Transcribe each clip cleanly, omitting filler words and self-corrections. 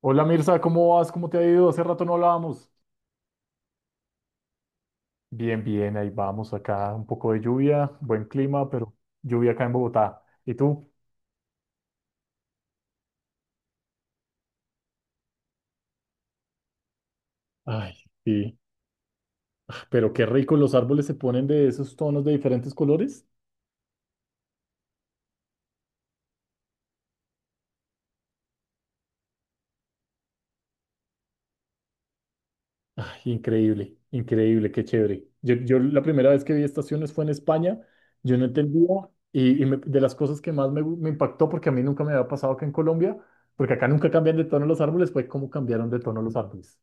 Hola Mirza, ¿cómo vas? ¿Cómo te ha ido? Hace rato no hablábamos. Bien, bien, ahí vamos acá. Un poco de lluvia, buen clima, pero lluvia acá en Bogotá. ¿Y tú? Ay, sí. Pero qué rico, los árboles se ponen de esos tonos de diferentes colores. Ay, increíble, increíble, qué chévere. Yo la primera vez que vi estaciones fue en España. Yo no entendía y de las cosas que más me impactó, porque a mí nunca me había pasado que en Colombia, porque acá nunca cambian de tono los árboles, fue cómo cambiaron de tono los árboles.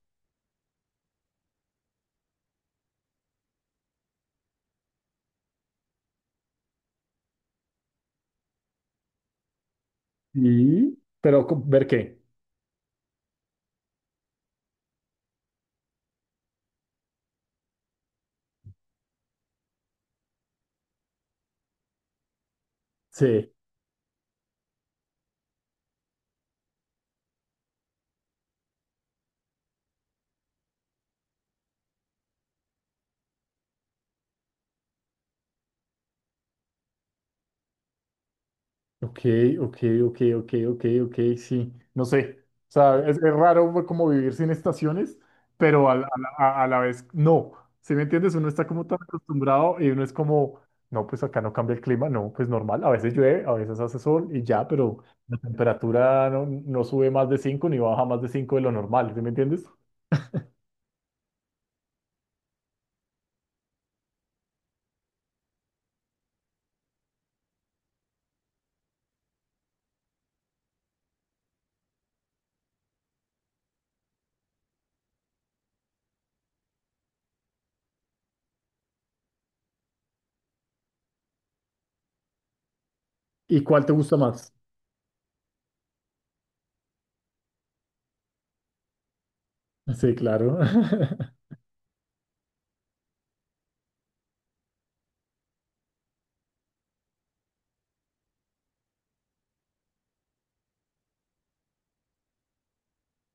¿Y? ¿Pero ver qué? Sí, ok, ok, ok, ok, ok, ok, sí, no sé, o sea, es, raro pues, como vivir sin estaciones, pero a la vez no, ¿sí me entiendes? Uno está como tan acostumbrado y uno es como, no, pues acá no cambia el clima, no, pues normal, a veces llueve, a veces hace sol y ya, pero la temperatura no sube más de 5 ni baja más de 5 de lo normal, ¿sí me entiendes? ¿Y cuál te gusta más? Sí, claro.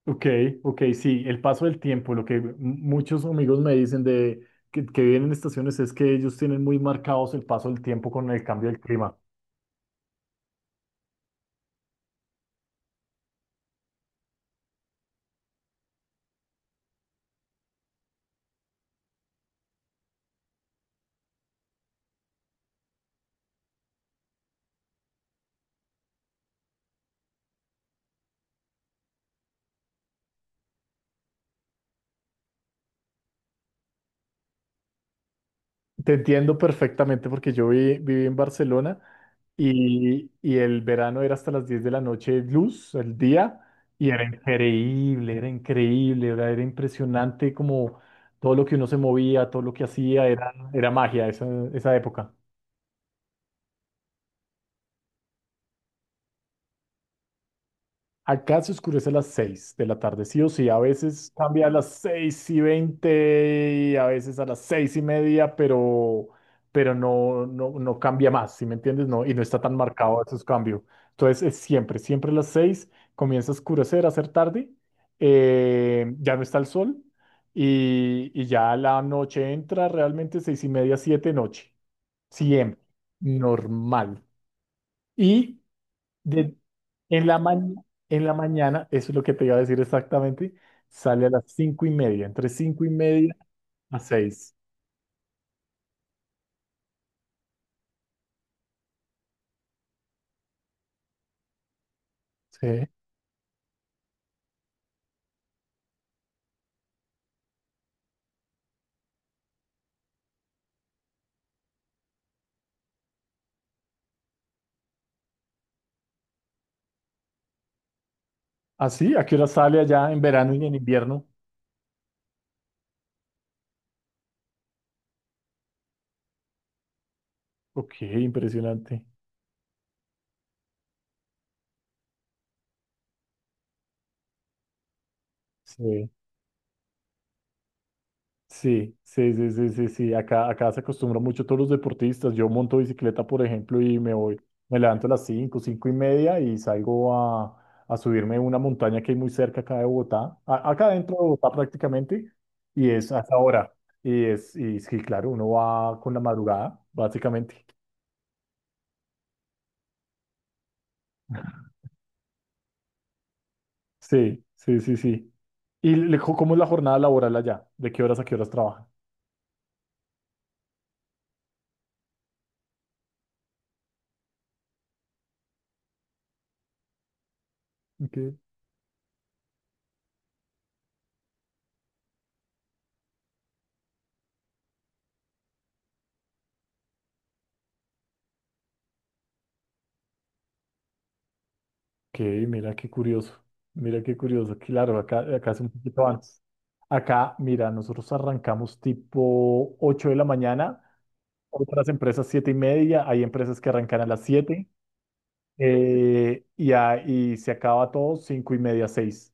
Ok, ok, sí, el paso del tiempo, lo que muchos amigos me dicen de que viven en estaciones es que ellos tienen muy marcados el paso del tiempo con el cambio del clima. Te entiendo perfectamente porque yo viví en Barcelona y el verano era hasta las 10 de la noche luz, el día, y era increíble, era increíble, era impresionante como todo lo que uno se movía, todo lo que hacía, era magia esa época. Acá se oscurece a las 6 de la tarde, sí o sí. A veces cambia a las 6:20 y a veces a las 6:30, pero no cambia más, ¿sí me entiendes? No, y no está tan marcado esos cambios. Entonces es siempre, siempre a las 6 comienza a oscurecer, a ser tarde, ya no está el sol y ya la noche entra realmente 6:30, 7 noche. Siempre, normal. Y de- en la ma- en la mañana, eso es lo que te iba a decir exactamente, sale a las 5:30, entre 5:30 a 6. Sí. ¿Así? ¿A qué hora sale allá en verano y en invierno? Ok, impresionante. Sí. Sí, sí, sí, sí, sí, sí. Acá se acostumbran mucho todos los deportistas. Yo monto bicicleta, por ejemplo, y me voy, me levanto a las 5, 5:30 y salgo a subirme una montaña que hay muy cerca acá de Bogotá, acá dentro de Bogotá prácticamente, y es a esa hora. Y sí, claro, uno va con la madrugada, básicamente. Sí, sí, sí, sí. ¿Y cómo es la jornada laboral allá? ¿De qué horas a qué horas trabajan? Ok. Ok, mira qué curioso, mira qué curioso, claro, acá, es un poquito antes. Acá, mira, nosotros arrancamos tipo 8 de la mañana, otras empresas 7:30, hay empresas que arrancan a las 7 y se acaba todo 5:30, 6.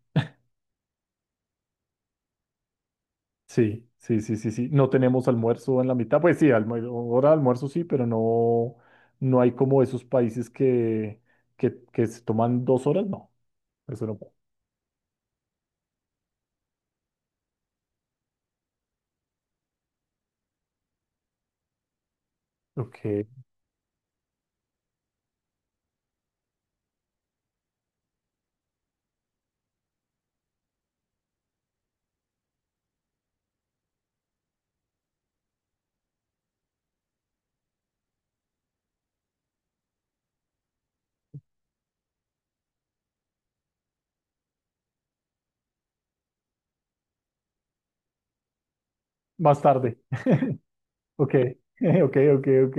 Sí, sí, sí, sí, sí. No tenemos almuerzo en la mitad, pues sí, hora de almuerzo sí, pero no hay como esos países que, que se toman 2 horas, no, eso no. Ok, más tarde. Ok, ok, ok, ok.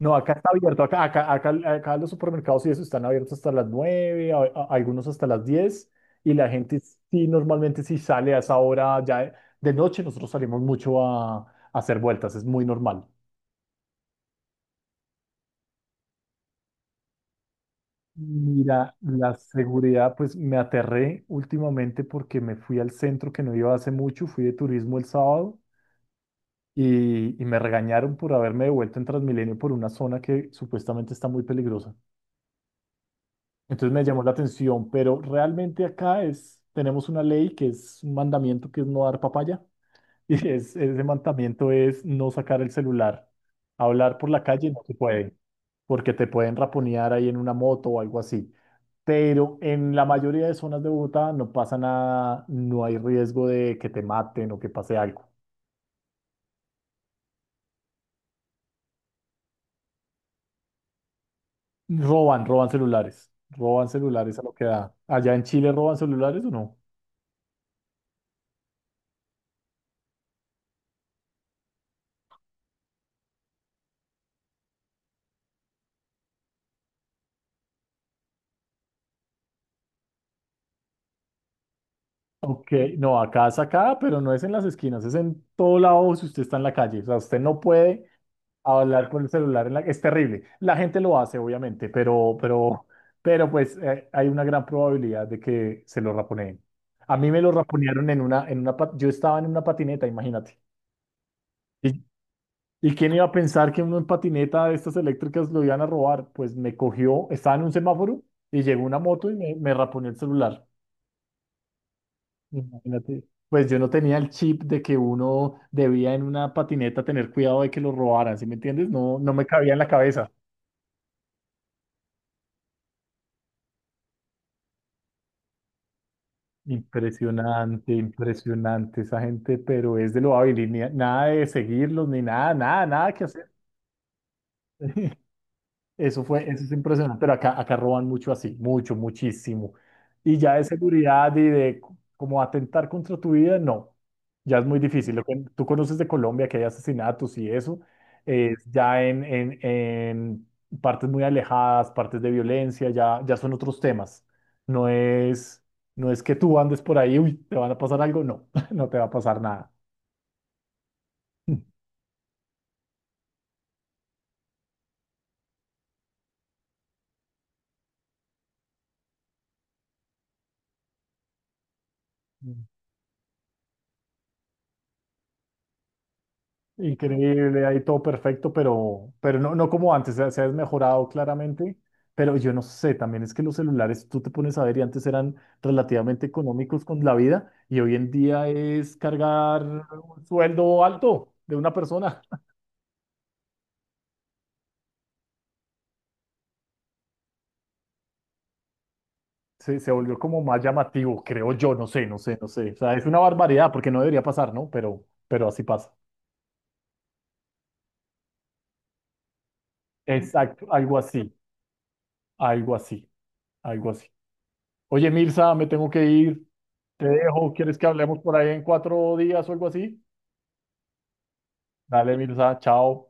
No, acá está abierto, acá los supermercados y eso están abiertos hasta las 9, algunos hasta las 10. Y la gente sí, normalmente sí sale a esa hora ya de noche, nosotros salimos mucho a hacer vueltas, es muy normal. Mira, la seguridad, pues me aterré últimamente porque me fui al centro que no iba hace mucho, fui de turismo el sábado y me regañaron por haberme devuelto en Transmilenio por una zona que supuestamente está muy peligrosa. Entonces me llamó la atención, pero realmente acá tenemos una ley que es un mandamiento que es no dar papaya. Y ese mandamiento es no sacar el celular. Hablar por la calle no se puede, porque te pueden raponear ahí en una moto o algo así. Pero en la mayoría de zonas de Bogotá no pasa nada, no hay riesgo de que te maten o que pase algo. Roban, roban celulares. Roban celulares a lo que da. ¿Allá en Chile roban celulares o no? Ok, no, acá es acá, pero no es en las esquinas, es en todo lado si usted está en la calle. O sea, usted no puede hablar con el celular. Es terrible. La gente lo hace, obviamente, pero, pero pues hay una gran probabilidad de que se lo raponeen. A mí me lo raponearon. Yo estaba en una patineta, imagínate. ¿Y, y quién iba a pensar que uno en patineta de estas eléctricas lo iban a robar? Pues me cogió, estaba en un semáforo y llegó una moto y me raponeó el celular. Imagínate. Pues yo no tenía el chip de que uno debía en una patineta tener cuidado de que lo robaran, ¿sí me entiendes? No, no me cabía en la cabeza. Impresionante, impresionante esa gente, pero es de lo hábil y nada de seguirlos ni nada, nada, nada que hacer. Eso es impresionante, pero acá, roban mucho así, mucho, muchísimo. Y ya de seguridad y como atentar contra tu vida, no, ya es muy difícil. Lo que tú conoces de Colombia, que hay asesinatos y eso, es ya en, en partes muy alejadas, partes de violencia, ya son otros temas. No es, no es que tú andes por ahí, uy, te van a pasar algo, no, no te va a pasar nada. Increíble, ahí todo perfecto, pero, no como antes, se ha desmejorado claramente, pero yo no sé, también es que los celulares, tú te pones a ver y antes eran relativamente económicos con la vida y hoy en día es cargar un sueldo alto de una persona. Se volvió como más llamativo, creo yo, no sé, no sé, no sé. O sea, es una barbaridad porque no debería pasar, ¿no? pero, así pasa. Exacto, algo así, algo así, algo así. Oye, Mirza, me tengo que ir. Te dejo. ¿Quieres que hablemos por ahí en 4 días o algo así? Dale, Mirza, chao.